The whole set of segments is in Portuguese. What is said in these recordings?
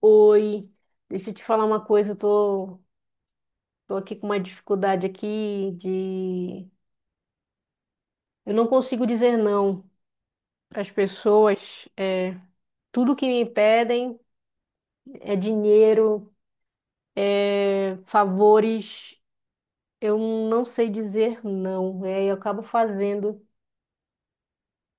Oi, deixa eu te falar uma coisa, eu tô aqui com uma dificuldade aqui de... Eu não consigo dizer não às pessoas. Tudo que me pedem é dinheiro, é favores, eu não sei dizer não. E aí eu acabo fazendo,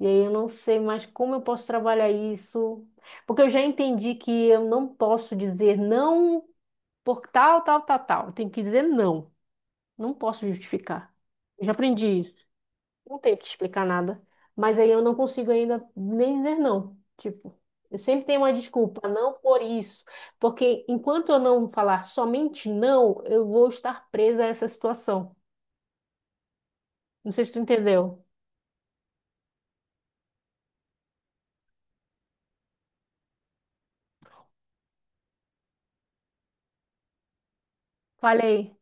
e aí eu não sei mais como eu posso trabalhar isso, porque eu já entendi que eu não posso dizer não por tal, tal, tal, tal. Eu tenho que dizer não, não posso justificar. Eu já aprendi isso. Não tenho que explicar nada. Mas aí eu não consigo ainda nem dizer não. Tipo, eu sempre tenho uma desculpa, não por isso. Porque enquanto eu não falar somente não, eu vou estar presa a essa situação. Não sei se tu entendeu. Falei,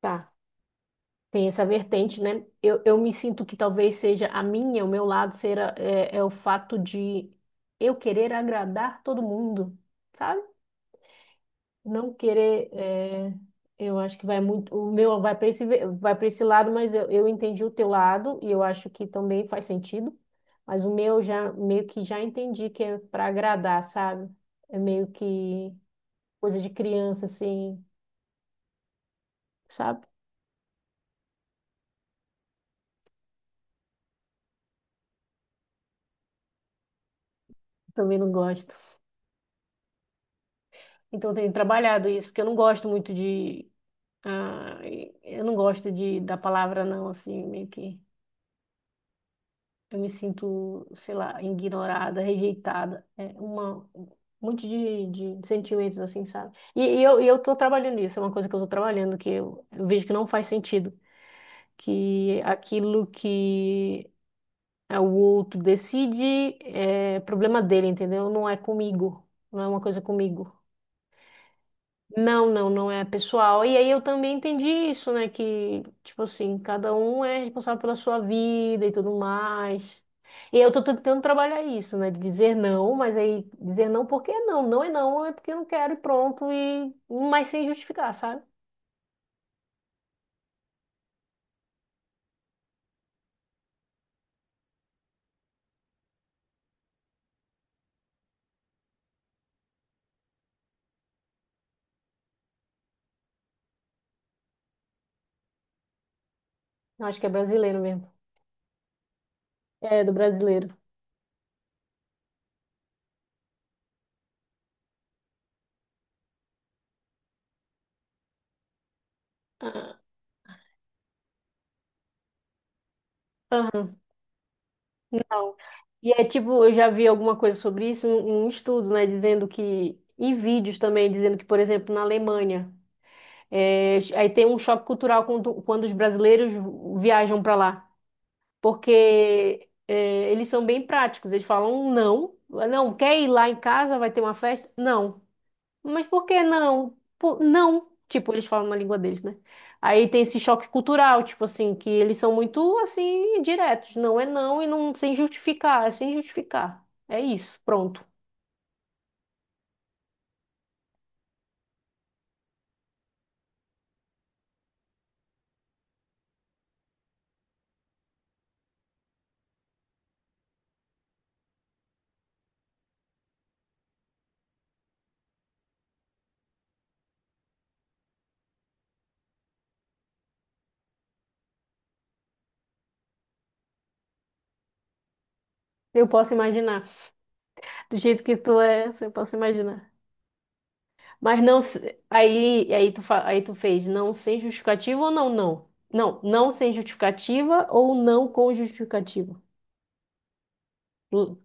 tá. Tem essa vertente, né? Eu me sinto que talvez seja a minha, o meu lado, será, é o fato de eu querer agradar todo mundo, sabe? Não querer, eu acho que vai muito, o meu vai para esse lado, mas eu entendi o teu lado e eu acho que também faz sentido, mas o meu já meio que já entendi que é para agradar, sabe? É meio que coisa de criança, assim, sabe? Também não gosto. Então eu tenho trabalhado isso, porque eu não gosto muito de, ah, eu não gosto de da palavra não, assim, meio que eu me sinto, sei lá, ignorada, rejeitada. É uma, um monte de sentimentos assim, sabe? E eu tô trabalhando nisso, é uma coisa que eu tô trabalhando, que eu vejo que não faz sentido. Que aquilo que é o outro decide é problema dele, entendeu? Não é comigo. Não é uma coisa comigo. Não, não, não é pessoal. E aí eu também entendi isso, né? Que, tipo assim, cada um é responsável pela sua vida e tudo mais. E eu tô tentando trabalhar isso, né? De dizer não, mas aí dizer não porque é não. Não é não, é porque eu não quero e pronto. E... mas sem justificar, sabe? Eu acho que é brasileiro mesmo. É, do brasileiro. Ah, aham. Não. E é tipo, eu já vi alguma coisa sobre isso, um estudo, né? Dizendo que. Em vídeos também, dizendo que, por exemplo, na Alemanha. É, aí tem um choque cultural quando os brasileiros viajam para lá, porque é, eles são bem práticos. Eles falam um não, não quer ir lá em casa, vai ter uma festa? Não. Mas por que não? Não. Tipo, eles falam na língua deles, né? Aí tem esse choque cultural, tipo assim, que eles são muito assim diretos. Não é não e não sem justificar, é sem justificar. É isso, pronto. Eu posso imaginar. Do jeito que tu é, eu posso imaginar. Mas não, aí, aí tu fez não sem justificativa ou não, não? Não, não sem justificativa ou não com justificativa? Hum,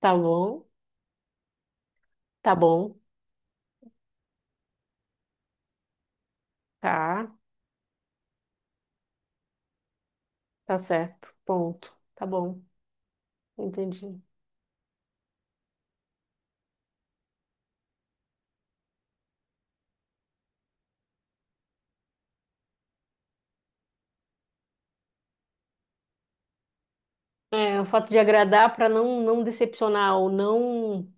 Tá bom, tá bom, tá, tá certo, ponto, tá bom, entendi. É, o fato de agradar para não, não decepcionar ou não,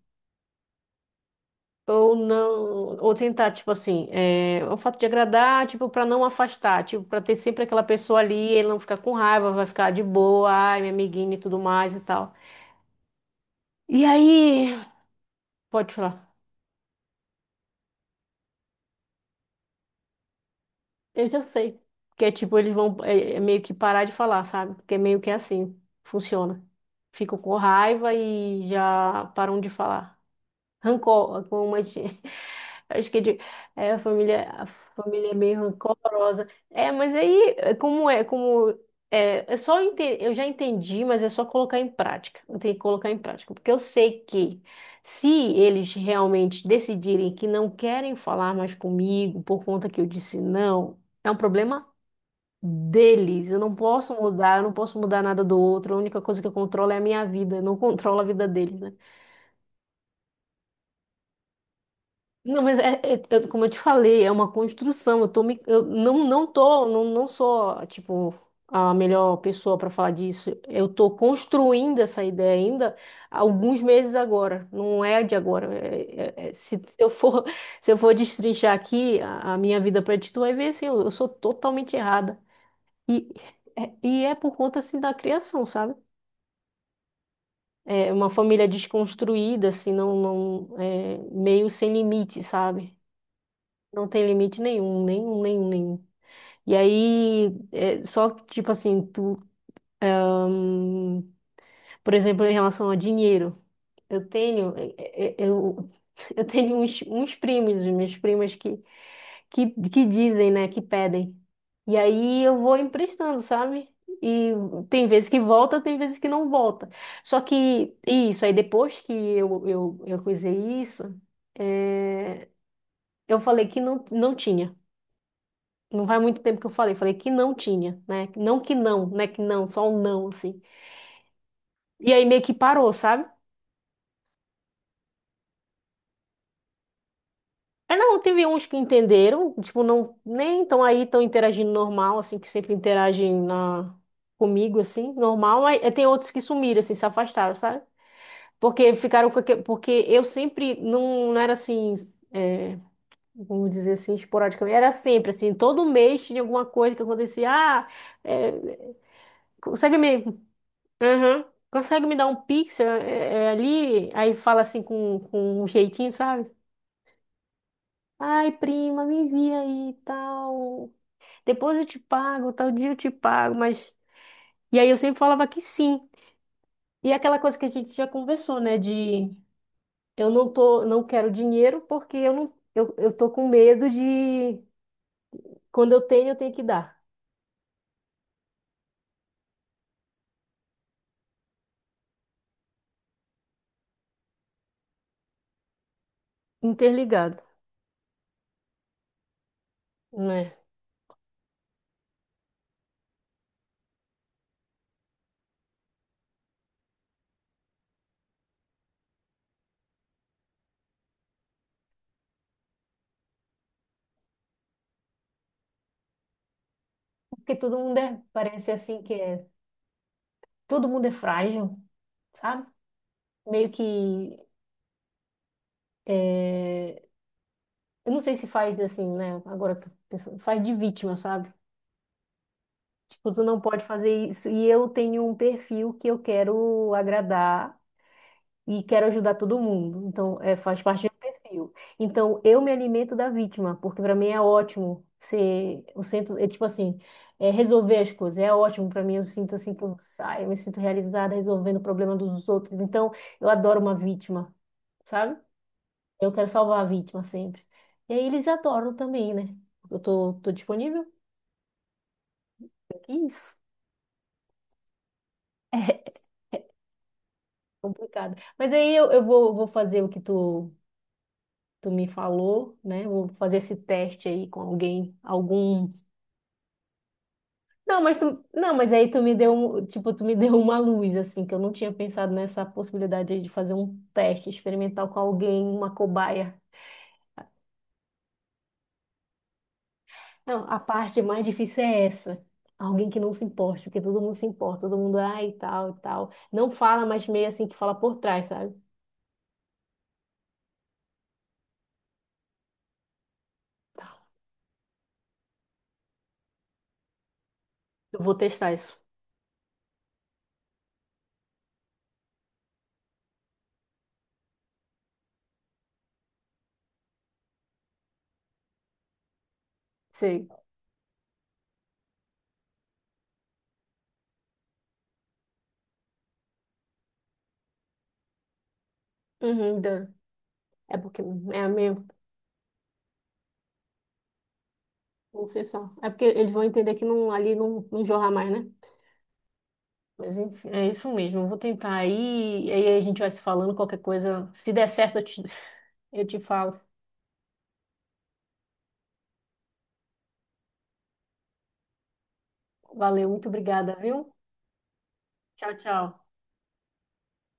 ou não, ou tentar, tipo assim, é, o fato de agradar, tipo, para não afastar, tipo, para ter sempre aquela pessoa ali, ele não ficar com raiva, vai ficar de boa, ai, minha amiguinha e tudo mais e tal. E aí, pode falar. Eu já sei. Que é tipo, eles vão é, é meio que parar de falar, sabe? Porque é meio que assim. Funciona. Ficam com raiva e já param de falar. Rancor, como a gente. Acho que é de- é, a família é meio rancorosa. É, mas aí, é só eu já entendi, mas é só colocar em prática. Eu tenho que colocar em prática, porque eu sei que se eles realmente decidirem que não querem falar mais comigo por conta que eu disse não, é um problema deles. Eu não posso mudar, eu não posso mudar nada do outro. A única coisa que eu controlo é a minha vida, eu não controlo a vida deles, né? Não, mas é, como eu te falei, é uma construção. Eu tô me, eu não, não tô, não, não sou, tipo, a melhor pessoa para falar disso. Eu tô construindo essa ideia ainda há alguns meses agora. Não é de agora. Se, se eu for, se eu for destrinchar aqui a minha vida para ti, tu vai ver assim, eu sou totalmente errada. E, e é por conta assim da criação, sabe? É uma família desconstruída, assim, não, não, é, meio sem limite, sabe? Não tem limite nenhum, nenhum, nenhum, nenhum. E aí, é só tipo assim, tu, hum, por exemplo, em relação a dinheiro, eu tenho, eu, eu tenho uns primos, minhas primas que dizem, né, que pedem. E aí eu vou emprestando, sabe? E tem vezes que volta, tem vezes que não volta. Só que isso, aí depois que eu coisei isso, é, eu falei que não, não tinha. Não faz muito tempo que eu falei, falei que não tinha, né? Não que não, né? Que não, só um não, assim. E aí meio que parou, sabe? Aí não, teve uns que entenderam, tipo, não, nem estão aí, tão interagindo normal, assim, que sempre interagem na, comigo, assim, normal. Aí tem outros que sumiram, assim, se afastaram, sabe? Porque ficaram com porque eu sempre não, não era assim, é, vamos dizer assim, esporadicamente, era sempre assim, todo mês tinha alguma coisa que acontecia, ah, é, consegue me, aham. Consegue me dar um pix ali? Aí fala assim com um jeitinho, sabe? Ai, prima, me envia aí e tal. Depois eu te pago, tal dia eu te pago, mas. E aí eu sempre falava que sim. E é aquela coisa que a gente já conversou, né? De eu não tô, não quero dinheiro porque eu não, eu tô com medo de quando eu tenho que dar. Interligado, né? Porque todo mundo é, parece assim que é, todo mundo é frágil, sabe? Meio que é, eu não sei se faz assim, né? Agora que eu tô pensando, faz de vítima, sabe? Tipo, tu não pode fazer isso. E eu tenho um perfil que eu quero agradar e quero ajudar todo mundo. Então, é, faz parte do meu perfil. Então, eu me alimento da vítima, porque para mim é ótimo ser o centro, é tipo assim, é resolver as coisas. É ótimo para mim, eu sinto assim que eu, ai, eu me sinto realizada resolvendo o problema dos outros. Então, eu adoro uma vítima, sabe? Eu quero salvar a vítima sempre. E aí eles adoram também, né? Eu tô disponível? Que isso. É complicado. Mas aí vou fazer o que tu me falou, né? Vou fazer esse teste aí com alguém, algum. Não, mas tu, não, mas aí tu me deu, tipo, tu me deu uma luz, assim, que eu não tinha pensado nessa possibilidade aí de fazer um teste experimental com alguém, uma cobaia. Não, a parte mais difícil é essa. Alguém que não se importe, porque todo mundo se importa, todo mundo, ai, e tal, e tal. Não fala, mas meio assim que fala por trás, sabe? Eu vou testar isso. Sei. Uhum, dano. É porque é a mesmo. Não sei só. É porque eles vão entender que não, ali não, não jorra mais, né? Mas enfim, é isso mesmo. Eu vou tentar aí, e aí a gente vai se falando qualquer coisa. Se der certo, eu te falo. Valeu, muito obrigada, viu? Tchau, tchau.